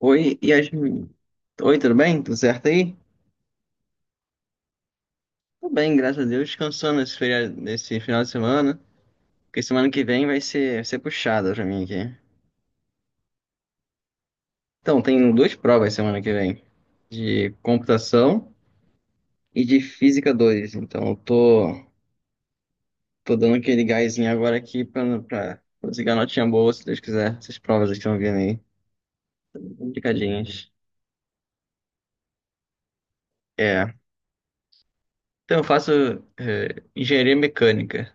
Oi, Yasmin. Oi, tudo bem? Tudo certo aí? Tudo bem, graças a Deus, descansando esse feriado, nesse final de semana, porque semana que vem vai ser, puxada pra mim aqui. Então, tem duas provas semana que vem, de computação e de física 2. Então, eu tô dando aquele gásinho agora aqui pra conseguir a notinha boa, se Deus quiser. Essas provas que estão vindo aí, complicadinhas. É. Então, eu faço, engenharia mecânica.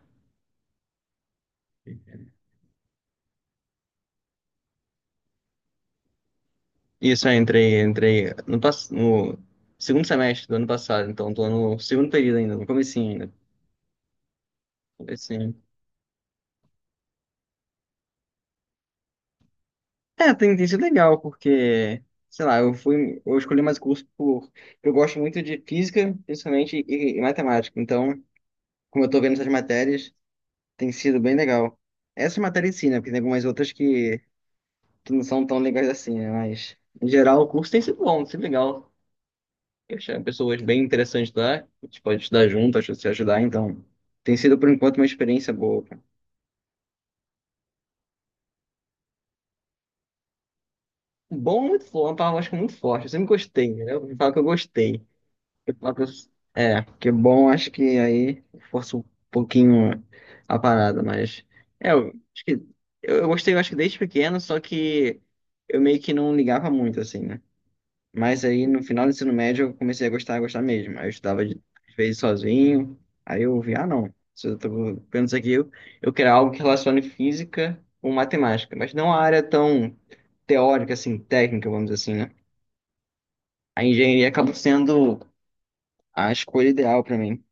Isso, eu entrei no segundo semestre do ano passado, então tô no segundo período ainda, no comecinho ainda. Comecinho. É, tem sido legal, porque, sei lá, eu escolhi mais curso por, eu gosto muito de física, principalmente, e matemática, então, como eu tô vendo essas matérias, tem sido bem legal. Essa matéria em si, né, porque tem algumas outras que não são tão legais assim, né, mas, em geral, o curso tem sido bom, tem sido legal. Eu tinha pessoas bem interessantes lá, a gente pode estudar junto, acho que se ajudar, então. Tem sido, por enquanto, uma experiência boa, cara. Um bom é muito forte, uma palavra acho que é muito forte. Eu sempre gostei, né? Eu falo que eu gostei. Eu falo que eu- É, porque bom, acho que aí força um pouquinho a parada, mas. É, eu acho que. Eu gostei, eu acho que desde pequeno, só que eu meio que não ligava muito, assim, né? Mas aí no final do ensino médio eu comecei a gostar mesmo. Aí eu estudava às vezes sozinho, aí eu vi, ah não, se eu tô vendo isso aqui, eu quero algo que relacione física com matemática, mas não a área tão teórica, assim, técnica, vamos dizer assim, né? A engenharia acabou sendo a escolha ideal para mim.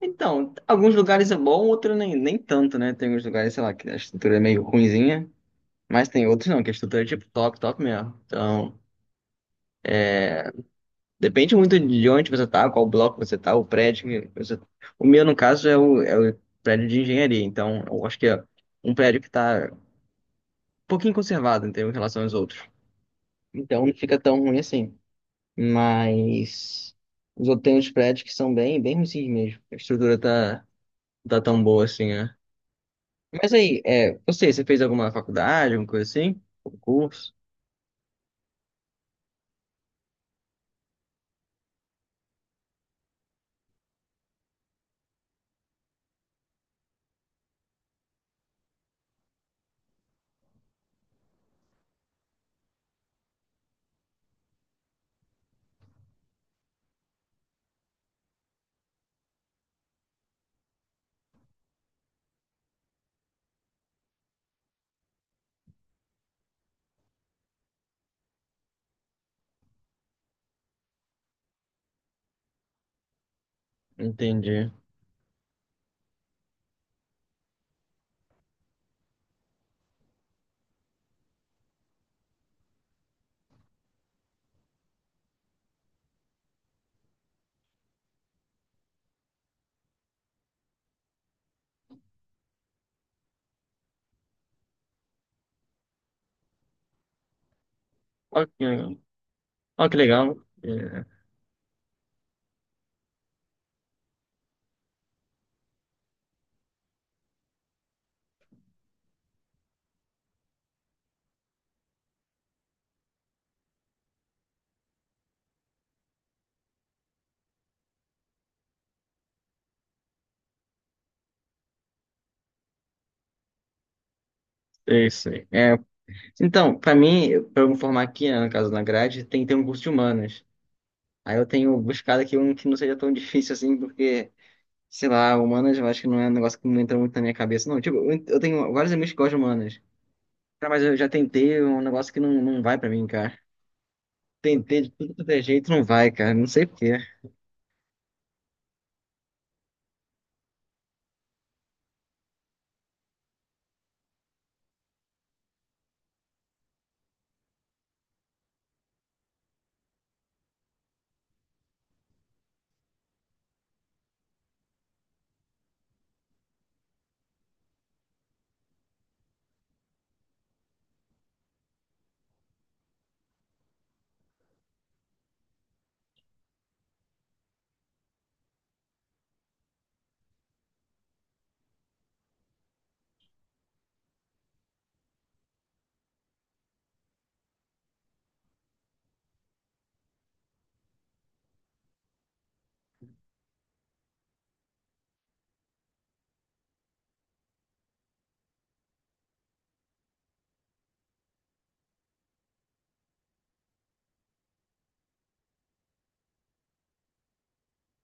Então, alguns lugares é bom, outros nem tanto, né? Tem uns lugares, sei lá, que a estrutura é meio ruinzinha, mas tem outros não, que a estrutura é tipo top, top mesmo. Então. Depende muito de onde você tá, qual bloco você tá, o prédio que você tá. O meu, no caso, é o prédio de engenharia. Então, eu acho que é um prédio que tá um pouquinho conservado em relação aos outros. Então, não fica tão ruim assim. Mas os outros tem uns prédios que são bem, bem ruins mesmo. A estrutura tá tão boa assim, né? Mas aí, é, você fez alguma faculdade, alguma coisa assim? Um curso? Entendi. Ó, que legal. É, é isso aí. Então, para mim, para eu me formar aqui, né, no caso na grade, tem que ter um curso de humanas. Aí eu tenho buscado aqui um que não seja tão difícil assim, porque, sei lá, humanas eu acho que não é um negócio que não entra muito na minha cabeça. Não, tipo, eu tenho vários amigos que gostam de humanas. Cara, mas eu já tentei é um negócio que não vai para mim, cara. Tentei de tudo quanto é jeito, não vai, cara. Não sei por quê.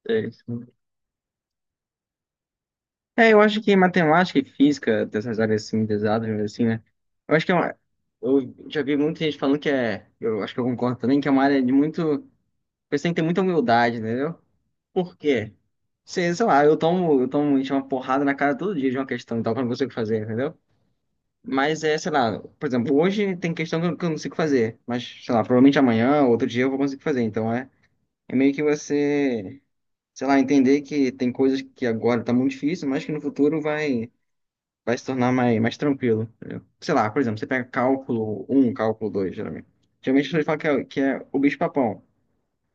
É, isso. É, eu acho que matemática e física, dessas áreas assim, pesadas, assim, né? Eu acho que é uma. Eu já vi muita gente falando que é. Eu acho que eu concordo também, que é uma área de muito. Você tem que ter muita humildade, entendeu? Por quê? Sei lá, eu tomo gente, uma porrada na cara todo dia de uma questão, então que eu não consigo fazer, entendeu? Mas é, sei lá, por exemplo, hoje tem questão que eu não consigo fazer, mas, sei lá, provavelmente amanhã, outro dia eu vou conseguir fazer, então é meio que você, sei lá, entender que tem coisas que agora tá muito difícil, mas que no futuro vai se tornar mais tranquilo, entendeu? Sei lá, por exemplo, você pega cálculo um, cálculo 2 geralmente. Geralmente as pessoas falam que é o bicho-papão,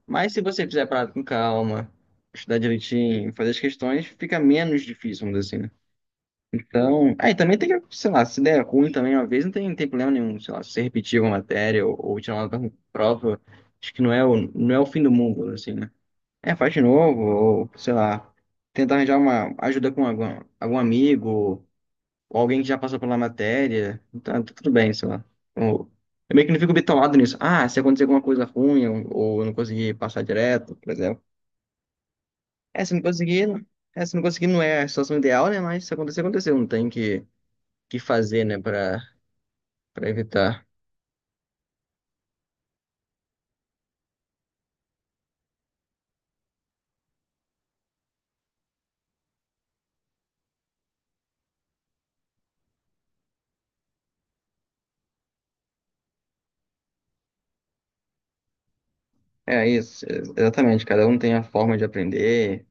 mas se você fizer a parada com calma, estudar direitinho, fazer as questões, fica menos difícil, vamos dizer assim, né? Então, aí também tem que, sei lá, se der ruim também uma vez, não tem problema nenhum, sei lá, se você repetir uma matéria ou tirar uma nota ruim prova, acho que não é o fim do mundo, assim, né? É, faz de novo, ou, sei lá, tentar arranjar uma ajuda com algum amigo, ou alguém que já passou pela matéria, então tá tudo bem, sei lá. Ou- eu meio que não fico bitolado nisso. Ah, se acontecer alguma coisa ruim, ou eu não conseguir passar direto, por exemplo. É, se não conseguir, é, se não conseguir não é a situação ideal, né? Mas se acontecer, aconteceu. Não tem que fazer, né, para evitar. É isso, exatamente. Cada um tem a forma de aprender.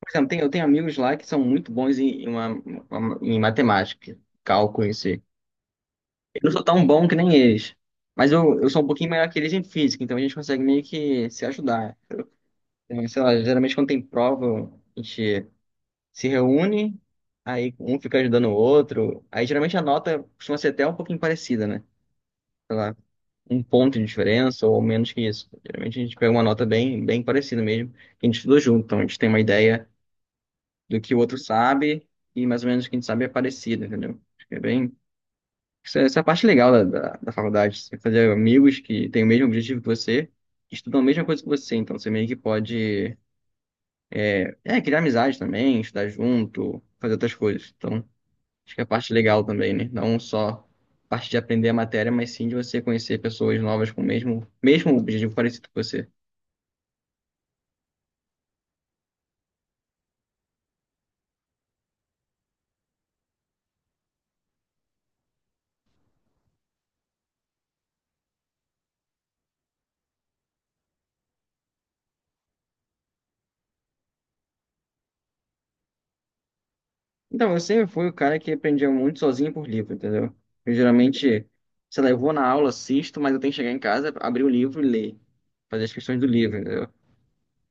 Por exemplo, eu tenho amigos lá que são muito bons em matemática, cálculo em si. Eu não sou tão bom que nem eles. Mas eu sou um pouquinho melhor que eles em física, então a gente consegue meio que se ajudar. Então, sei lá, geralmente quando tem prova, a gente se reúne, aí um fica ajudando o outro. Aí geralmente a nota costuma ser até um pouquinho parecida, né? Um ponto de diferença ou menos que isso. Geralmente a gente pega uma nota bem, bem parecida mesmo, que a gente estudou junto, então a gente tem uma ideia do que o outro sabe e mais ou menos o que a gente sabe é parecido, entendeu? Acho que é bem... Essa é a parte legal da faculdade. Você fazer amigos que têm o mesmo objetivo que você, estudam a mesma coisa que você, então você meio que pode, criar amizade também, estudar junto, fazer outras coisas. Então, acho que é a parte legal também, né? Não só a parte de aprender a matéria, mas sim de você conhecer pessoas novas com o mesmo objetivo parecido com você. Então, eu sempre fui o cara que aprendia muito sozinho por livro, entendeu? Eu geralmente, sei lá, eu vou na aula, assisto, mas eu tenho que chegar em casa, abrir o livro e ler. Fazer as questões do livro, entendeu?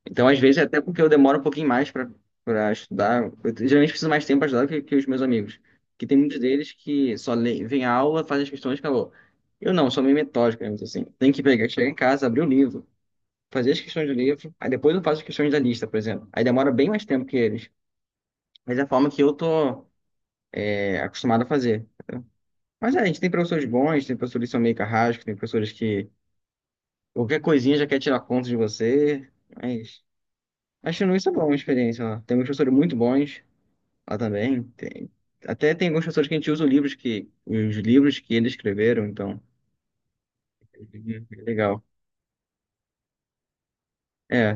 Então, às vezes, até porque eu demoro um pouquinho mais para estudar, eu geralmente preciso mais tempo para estudar que os meus amigos, que tem muitos deles que só leem, vêm à aula, fazem as questões, e acabou. Eu não. Sou meio metódico, digamos assim. Tem que pegar, chegar em casa, abrir o livro, fazer as questões do livro, aí depois eu faço as questões da lista, por exemplo. Aí demora bem mais tempo que eles. Mas é a forma que eu tô acostumado a fazer. Mas é, a gente tem professores bons, tem professores que são meio carrascos, tem professores que qualquer coisinha já quer tirar conta de você, mas... Acho que isso é bom, uma experiência lá. Tem professores muito bons. Ah, também tem. Até tem alguns professores que a gente usa os livros que eles escreveram, então. Uhum, é legal. É.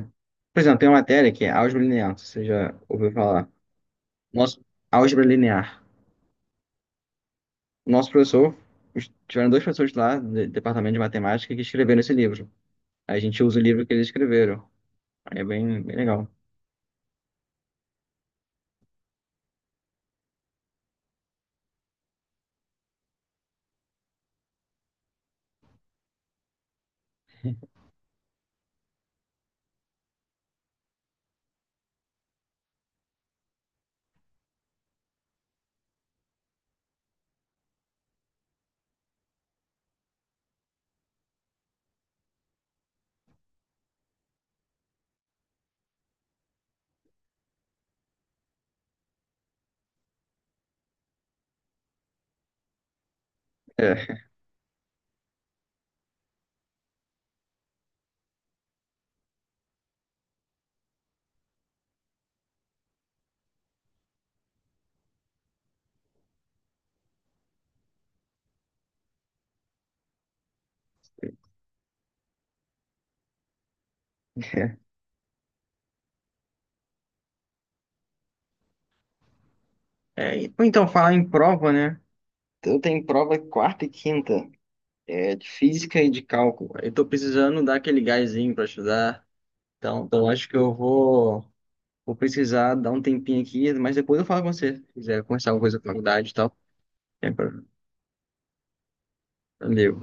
Por exemplo, tem uma matéria que é álgebra linear, se você já ouviu falar. Nosso, álgebra linear. Nosso professor, tiveram dois professores lá do departamento de matemática que escreveram esse livro. Aí a gente usa o livro que eles escreveram. Aí é bem, bem legal. É. É, ou então, falar em prova, né? Eu tenho prova quarta e quinta, de física e de cálculo. Eu tô precisando dar aquele gásinho para estudar. Então, acho que eu vou precisar dar um tempinho aqui, mas depois eu falo com você. Se quiser conversar alguma coisa com a faculdade e tal. É pra- Valeu.